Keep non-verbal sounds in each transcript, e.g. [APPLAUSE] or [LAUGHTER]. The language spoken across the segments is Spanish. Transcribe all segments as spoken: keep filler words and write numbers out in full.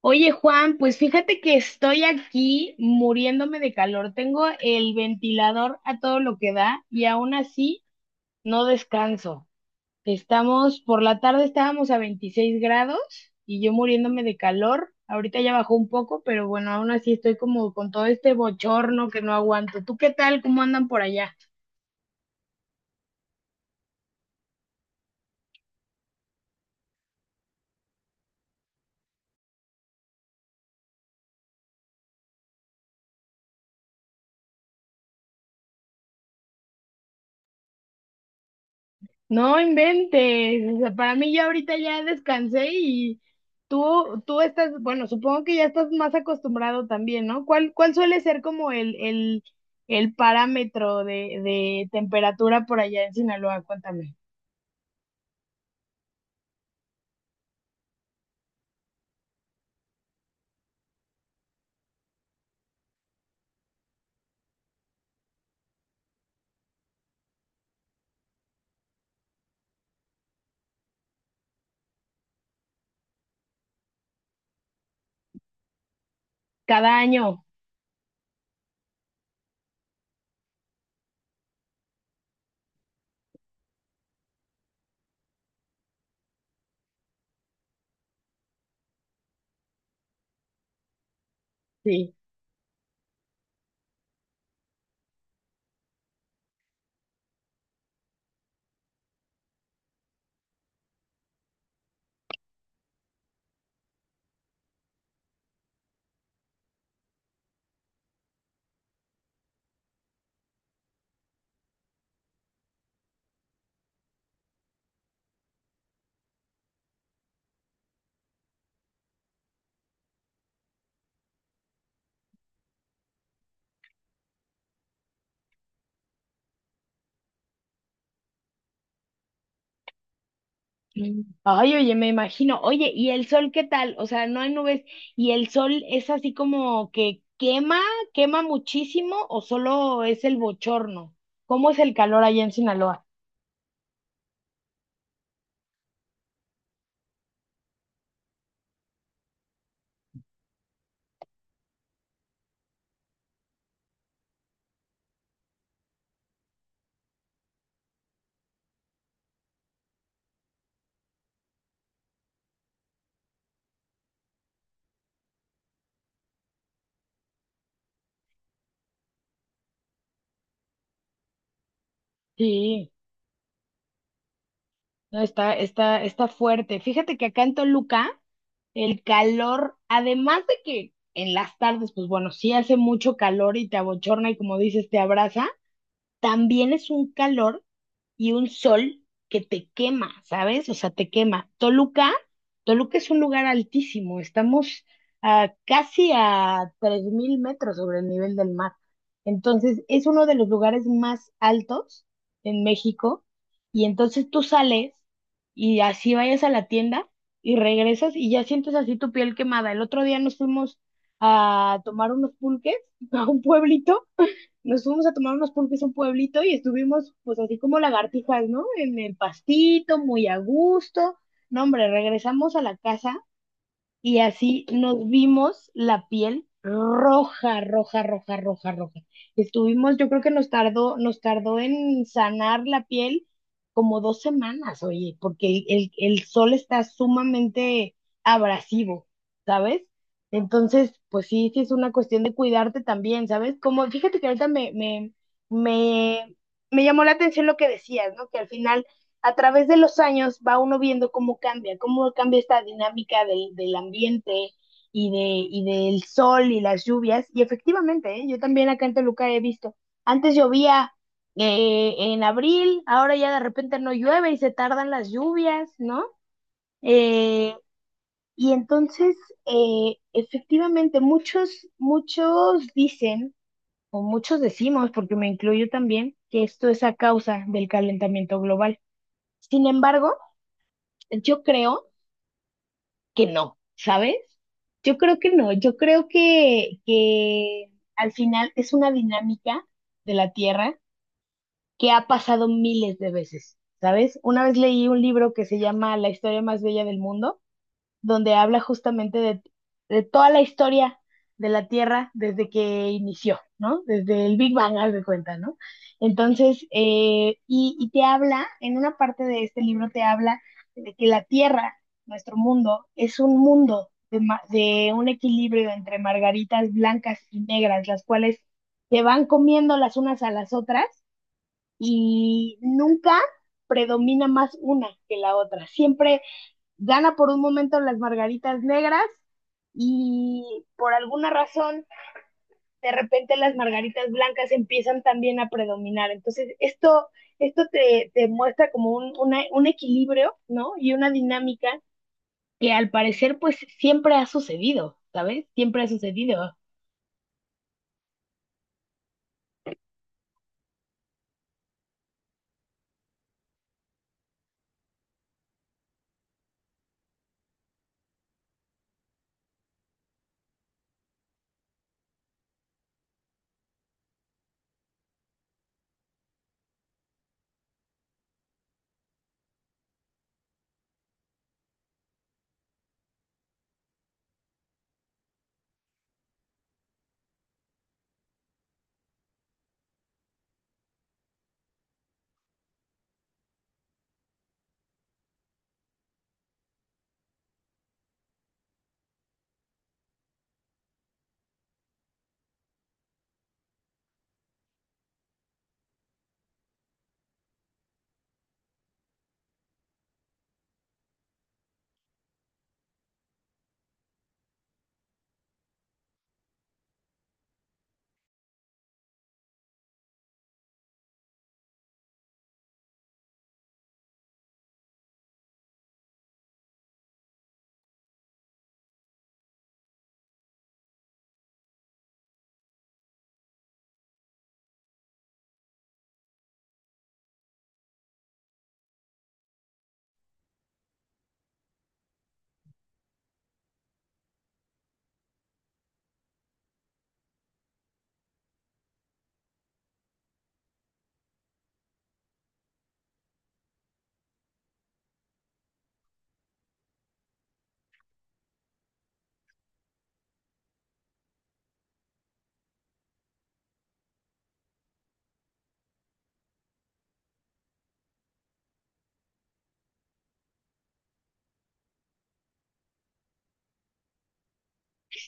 Oye, Juan, pues fíjate que estoy aquí muriéndome de calor. Tengo el ventilador a todo lo que da y aún así no descanso. Estamos, por la tarde estábamos a veintiséis grados y yo muriéndome de calor. Ahorita ya bajó un poco, pero bueno, aún así estoy como con todo este bochorno que no aguanto. ¿Tú qué tal? ¿Cómo andan por allá? No inventes, o sea, para mí ya ahorita ya descansé y tú, tú estás, bueno, supongo que ya estás más acostumbrado también, ¿no? ¿Cuál, cuál suele ser como el, el, el parámetro de, de temperatura por allá en Sinaloa? Cuéntame. Cada año, sí. Mm. Ay, oye, me imagino. Oye, ¿y el sol qué tal? O sea, no hay nubes. ¿Y el sol es así como que quema, quema muchísimo o solo es el bochorno? ¿Cómo es el calor allá en Sinaloa? Sí. No, está, está, está fuerte. Fíjate que acá en Toluca, el calor, además de que en las tardes, pues bueno, sí hace mucho calor y te abochorna y como dices, te abraza también es un calor y un sol que te quema, ¿sabes? O sea, te quema. Toluca, Toluca es un lugar altísimo, estamos a casi a tres mil metros sobre el nivel del mar. Entonces, es uno de los lugares más altos en México, y entonces tú sales y así vayas a la tienda y regresas y ya sientes así tu piel quemada. El otro día nos fuimos a tomar unos pulques [LAUGHS] a un pueblito, nos fuimos a tomar unos pulques a un pueblito y estuvimos pues así como lagartijas, ¿no? En el pastito, muy a gusto. No, hombre, regresamos a la casa y así nos vimos la piel roja, roja, roja, roja, roja. Estuvimos, yo creo que nos tardó, nos tardó en sanar la piel como dos semanas, oye, porque el, el, el sol está sumamente abrasivo, ¿sabes? Entonces, pues sí, sí es una cuestión de cuidarte también, ¿sabes? Como, fíjate que ahorita me, me, me, me llamó la atención lo que decías, ¿no? Que al final, a través de los años, va uno viendo cómo cambia, cómo cambia esta dinámica del, del ambiente y, de, y del sol y las lluvias. Y efectivamente, ¿eh?, yo también acá en Toluca he visto, antes llovía eh, en abril, ahora ya de repente no llueve y se tardan las lluvias, ¿no? Eh, y entonces, eh, efectivamente, muchos, muchos dicen, o muchos decimos, porque me incluyo también, que esto es a causa del calentamiento global. Sin embargo, yo creo que no, ¿sabes? Yo creo que no, yo creo que, que al final es una dinámica de la Tierra que ha pasado miles de veces, ¿sabes? Una vez leí un libro que se llama La historia más bella del mundo, donde habla justamente de, de, toda la historia de la Tierra desde que inició, ¿no? Desde el Big Bang, haz de cuenta, ¿no? Entonces, eh, y, y te habla, en una parte de este libro te habla de que la Tierra, nuestro mundo, es un mundo de, ma- de un equilibrio entre margaritas blancas y negras, las cuales se van comiendo las unas a las otras y nunca predomina más una que la otra. Siempre gana por un momento las margaritas negras y por alguna razón de repente las margaritas blancas empiezan también a predominar. Entonces, esto, esto te, te muestra como un, una, un equilibrio, ¿no? Y una dinámica que al parecer pues siempre ha sucedido, ¿sabes? Siempre ha sucedido.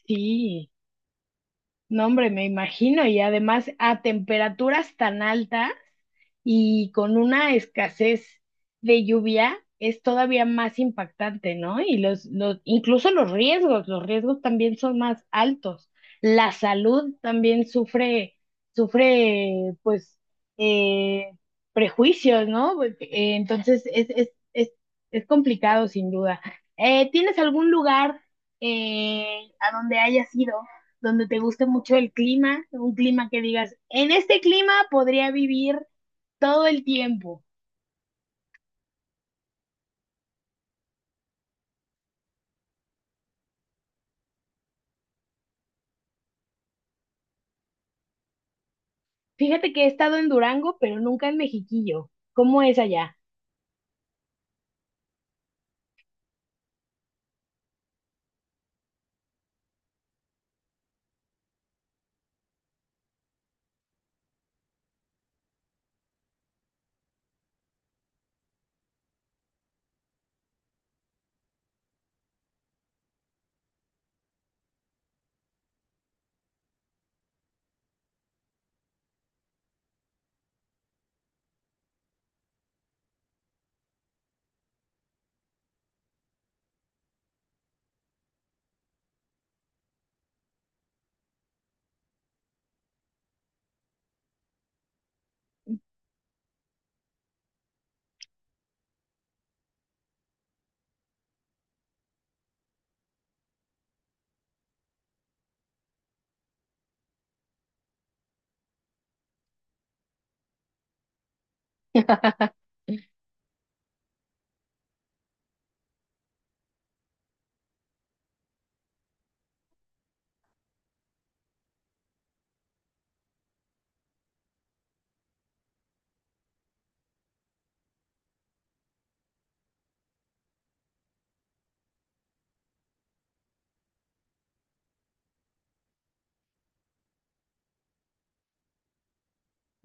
Sí. No, hombre, me imagino, y además a temperaturas tan altas y con una escasez de lluvia es todavía más impactante, ¿no? Y los, los, incluso los riesgos, los riesgos también son más altos. La salud también sufre, sufre, pues, eh, prejuicios, ¿no? Pues, eh, entonces es, es, es, es complicado sin duda. Eh, ¿tienes algún lugar, eh, a donde hayas ido, donde te guste mucho el clima, un clima que digas, en este clima podría vivir todo el tiempo? Fíjate que he estado en Durango, pero nunca en Mexiquillo. ¿Cómo es allá?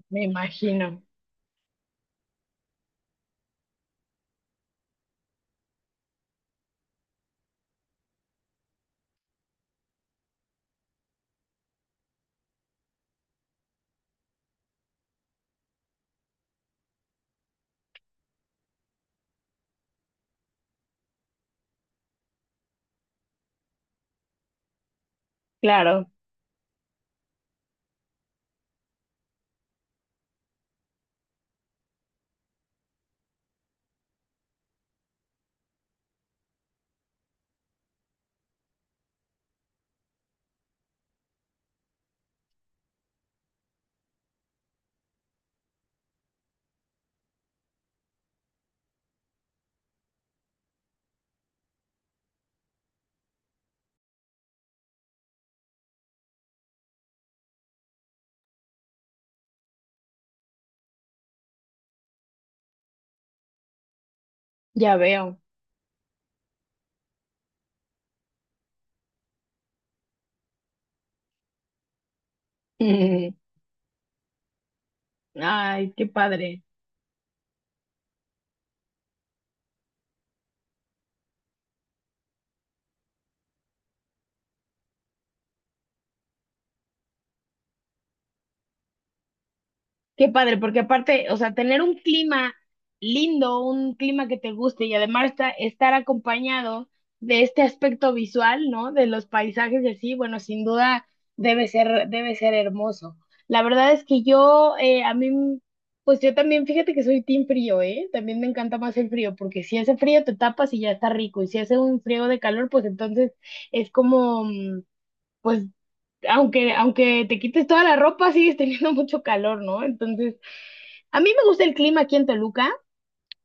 Me imagino. Claro, ya veo. [LAUGHS] Ay, qué padre. Qué padre, porque aparte, o sea, tener un clima lindo, un clima que te guste y además esta- estar acompañado de este aspecto visual, ¿no? De los paisajes y así, bueno, sin duda debe ser, debe ser hermoso. La verdad es que yo, eh, a mí, m- pues yo también, fíjate que soy team frío, ¿eh? También me encanta más el frío, porque si hace frío te tapas y ya está rico, y si hace un frío de calor, pues entonces es como, mm, pues aunque, aunque te quites toda la ropa, sigues teniendo [LAUGHS] mucho calor, ¿no? Entonces, a mí me gusta el clima aquí en Toluca,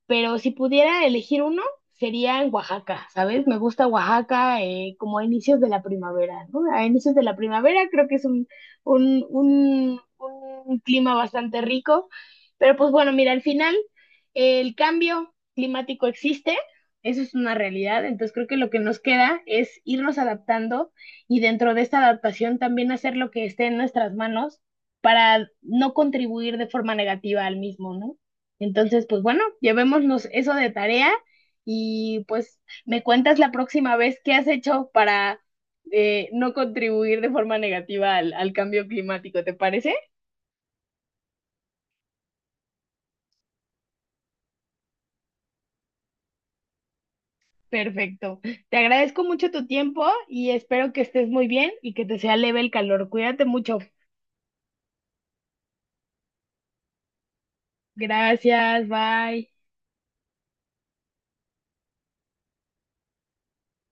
pero si pudiera elegir uno, sería en Oaxaca, ¿sabes? Me gusta Oaxaca, eh, como a inicios de la primavera, ¿no? A inicios de la primavera creo que es un, un, un, un clima bastante rico, pero pues bueno, mira, al final, eh, el cambio climático existe. Eso es una realidad, entonces creo que lo que nos queda es irnos adaptando, y dentro de esta adaptación también hacer lo que esté en nuestras manos para no contribuir de forma negativa al mismo, ¿no? Entonces, pues bueno, llevémonos eso de tarea y pues me cuentas la próxima vez qué has hecho para, eh, no contribuir de forma negativa al, al cambio climático, ¿te parece? Perfecto. Te agradezco mucho tu tiempo y espero que estés muy bien y que te sea leve el calor. Cuídate mucho. Gracias, bye.